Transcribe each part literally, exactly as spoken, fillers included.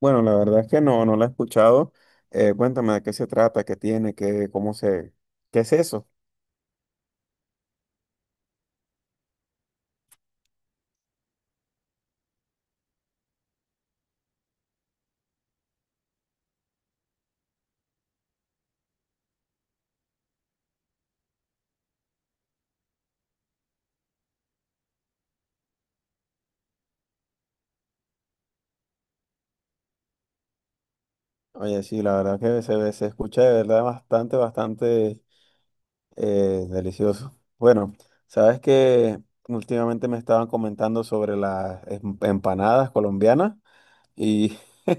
Bueno, la verdad es que no, no la he escuchado. Eh, cuéntame de qué se trata, qué tiene, qué, cómo se, qué es eso. Oye, sí, la verdad que se, ve- se escucha de verdad bastante, bastante eh, delicioso. Bueno, sabes que últimamente me estaban comentando sobre las em- empanadas colombianas y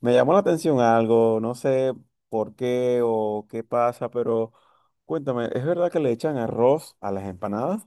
me llamó la atención algo, no sé por qué o qué pasa, pero cuéntame, ¿es verdad que le echan arroz a las empanadas?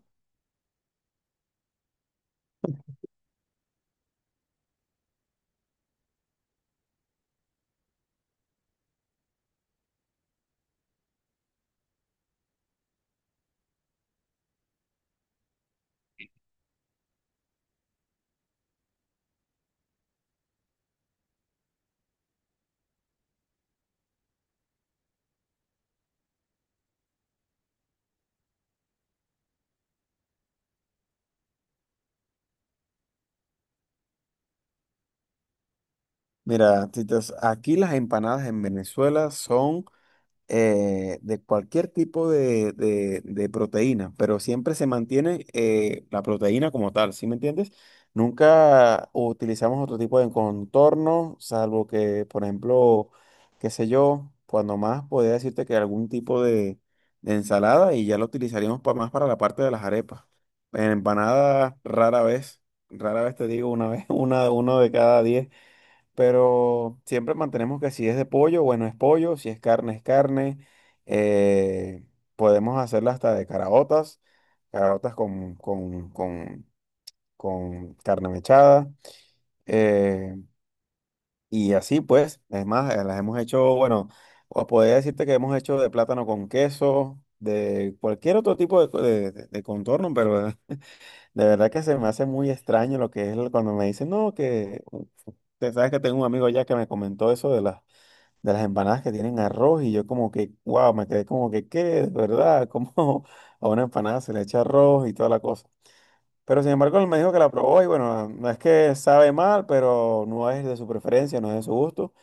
Mira, Titas, aquí las empanadas en Venezuela son eh, de cualquier tipo de, de- de proteína, pero siempre se mantiene eh, la proteína como tal, ¿sí me entiendes? Nunca utilizamos otro tipo de contorno, salvo que, por ejemplo, qué sé yo, cuando más podría decirte que algún tipo de, de ensalada y ya lo utilizaríamos pa- más para la parte de las arepas. En empanadas, rara vez, rara vez te digo una vez, una, uno de cada diez pero siempre mantenemos que si es de pollo, bueno, es pollo, si es carne, es carne. Eh, podemos hacerla hasta de caraotas, caraotas con, con, con, con carne mechada. eh, y así pues, es más, eh, las hemos hecho, bueno, o podría decirte que hemos hecho de plátano con queso, de cualquier otro tipo de, co- de- de- de contorno, pero eh, de verdad que se me hace muy extraño lo que es el- cuando me dicen, no, que... u- u- Te sabes que tengo un amigo ya que me comentó eso de las de las empanadas que tienen arroz y yo como que, wow, me quedé como que, ¿qué? ¿De verdad? ¿Cómo a una empanada se le echa arroz y toda la cosa? Pero sin embargo él me dijo que la probó y bueno, no es que sabe mal, pero no es de su preferencia, no es de su gusto.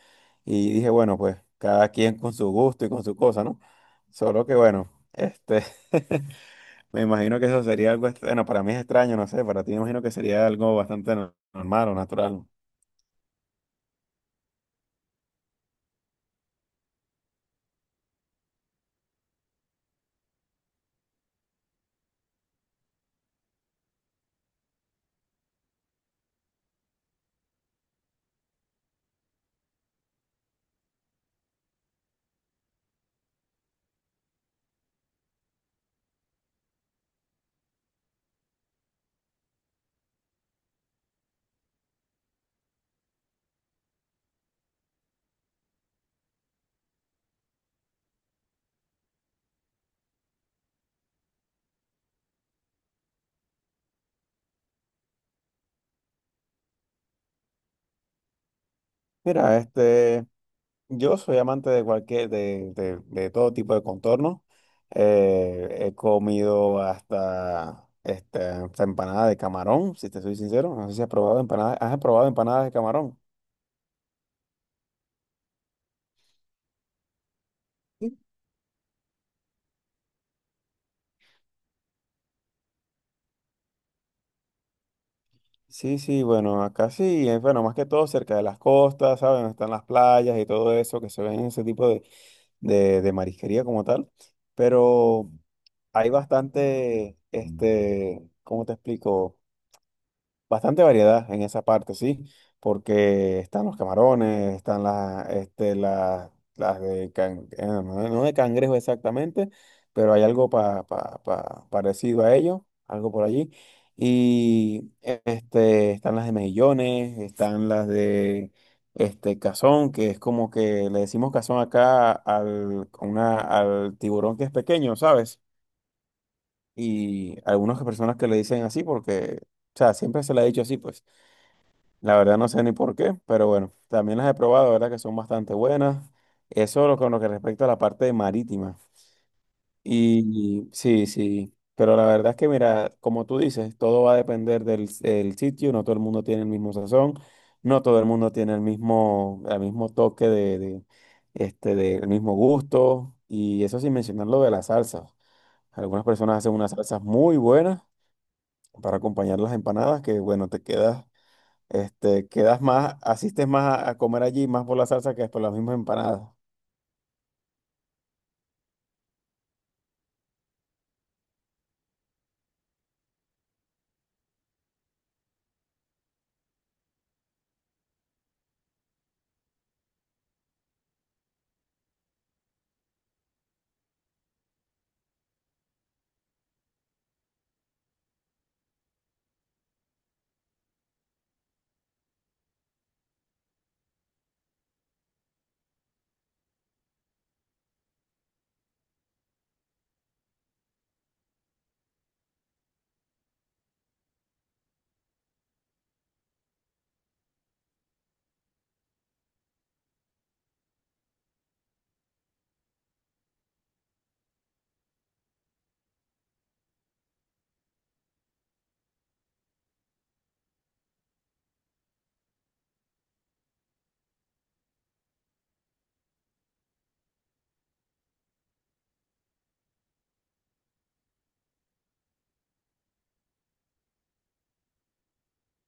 Y dije, bueno, pues cada quien con su gusto y con su cosa, ¿no? Solo que bueno, este, me imagino que eso sería algo, ex- bueno, para mí es extraño, no sé, para ti me imagino que sería algo bastante no- normal o natural. Mira, este. Yo soy amante de cualquier, de, de- de todo tipo de contorno. Eh, he comido hasta, este, hasta empanada de camarón, si te soy sincero. No sé si has probado empanadas. ¿Has probado empanadas de camarón? Sí. Sí, sí, bueno, acá sí, eh, bueno, más que todo cerca de las costas, ¿sabes? Donde están las playas y todo eso, que se ven ese tipo de, de, de marisquería como tal. Pero hay bastante, este, ¿cómo te explico? Bastante variedad en esa parte, sí, porque están los camarones, están las, este, las, las de can- eh, no, no de cangrejo exactamente, pero hay algo pa, pa- pa- parecido a ello, algo por allí. Y eh, este, están las de mejillones, están las de este cazón, que es como que le decimos cazón acá al, una, al tiburón que es pequeño, ¿sabes? Y algunas personas que le dicen así porque, o sea, siempre se le ha dicho así, pues. La verdad no sé ni por qué, pero bueno, también las he probado, verdad que son bastante buenas. Eso lo- con lo que respecta a la parte marítima. Y, sí, sí, pero la verdad es que mira, como tú dices, todo va a depender del, del sitio, no todo el mundo tiene el mismo sazón, no todo el mundo tiene el mismo, el mismo toque de, de, este, del mismo gusto, y eso sin mencionar lo de las salsas. Algunas personas hacen unas salsas muy buenas para acompañar las empanadas, que bueno, te quedas este, quedas más, asistes más a, a comer allí, más por la salsa que por las mismas empanadas.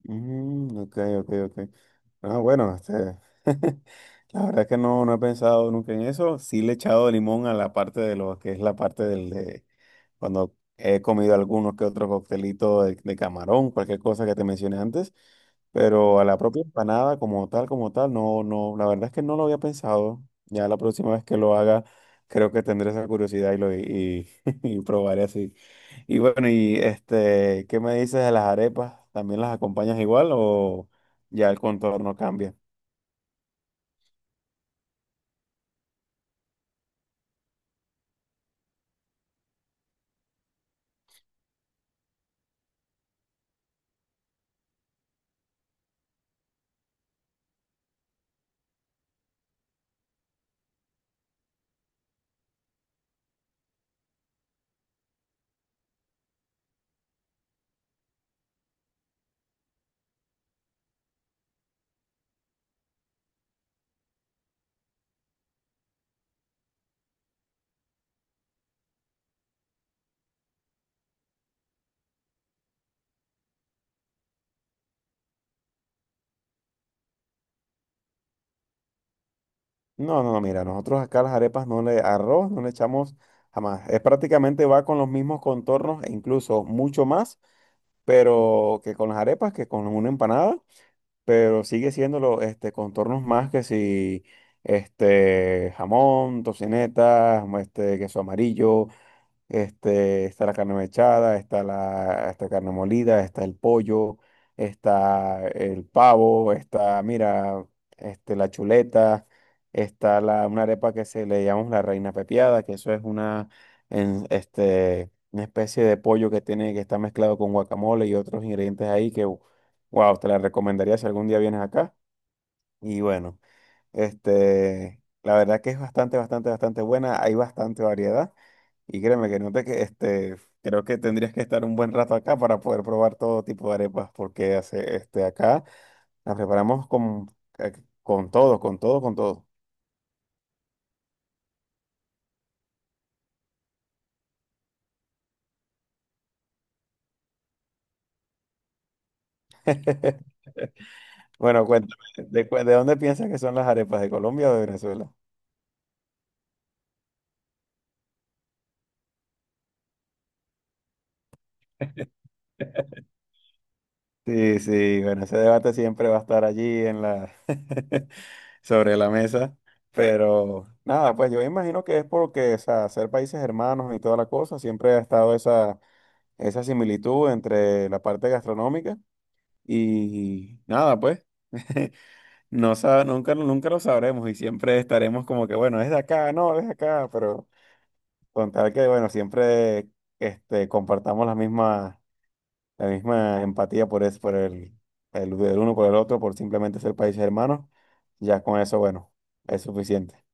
Mm, ok, ok, ok. Ah, bueno, este, la verdad es que no, no he pensado nunca en eso. Sí le he echado limón a la parte de lo que es la parte del, de- cuando he comido algunos que otros coctelitos de, de camarón, cualquier cosa que te mencioné antes, pero a la propia empanada como tal, como tal, no, no, la verdad es que no lo había pensado. Ya la próxima vez que lo haga, creo que tendré esa curiosidad y lo y, y probaré así. Y bueno, y este, ¿qué me dices de las arepas? ¿También las acompañas igual o ya el contorno cambia? No, no, no, mira, nosotros acá las arepas no le, arroz no le echamos jamás. Es prácticamente va con los mismos contornos e incluso mucho más, pero que con las arepas, que con una empanada, pero sigue siendo los este, contornos más que si este, jamón, tocineta, este, queso amarillo, este, está la carne mechada, está la está carne molida, está el pollo, está el pavo, está, mira, este, la chuleta, está la, una arepa que se le llamamos la reina pepiada, que eso es una, en- este, una especie de pollo que tiene, que está mezclado con guacamole y otros ingredientes ahí que, wow, te la recomendaría si algún día vienes acá. Y bueno. Este, la verdad que es bastante, bastante, bastante buena. Hay bastante variedad. Y créeme que no te que este, creo que tendrías que estar un buen rato acá para poder probar todo tipo de arepas, porque hace, este, acá las preparamos con, eh, con todo, con todo, con todo. Bueno, cuéntame, ¿de, cu- de dónde piensas que son las arepas? ¿De Colombia o de Venezuela? Sí, sí, bueno, ese debate siempre va a estar allí en la sobre la mesa, pero nada, pues yo imagino que es porque, o sea, ser países hermanos y toda la cosa, siempre ha estado esa, esa similitud entre la parte gastronómica y nada, pues, no sa- nunca, nunca lo sabremos y siempre estaremos como que, bueno, es de acá, no, es de acá, pero con tal que, bueno, siempre este, compartamos las mismas la misma empatía por, es, por el, el, el uno por el otro, por simplemente ser países hermanos, ya con eso, bueno, es suficiente.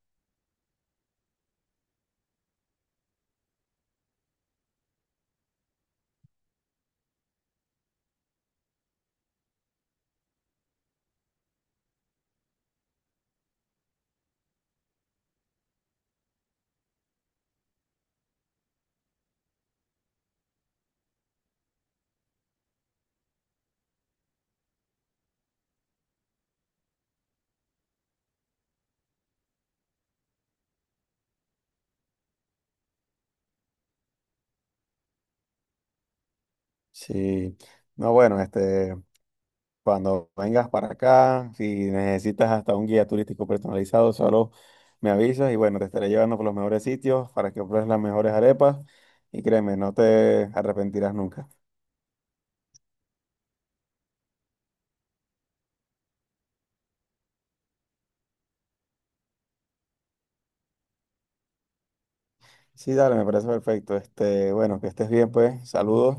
Sí, no, bueno, este, cuando vengas para acá, si necesitas hasta un guía turístico personalizado, solo me avisas y bueno, te estaré llevando por los mejores sitios para que pruebes las mejores arepas y créeme, no te arrepentirás nunca. Sí, dale, me parece perfecto. Este, bueno, que estés bien, pues, saludos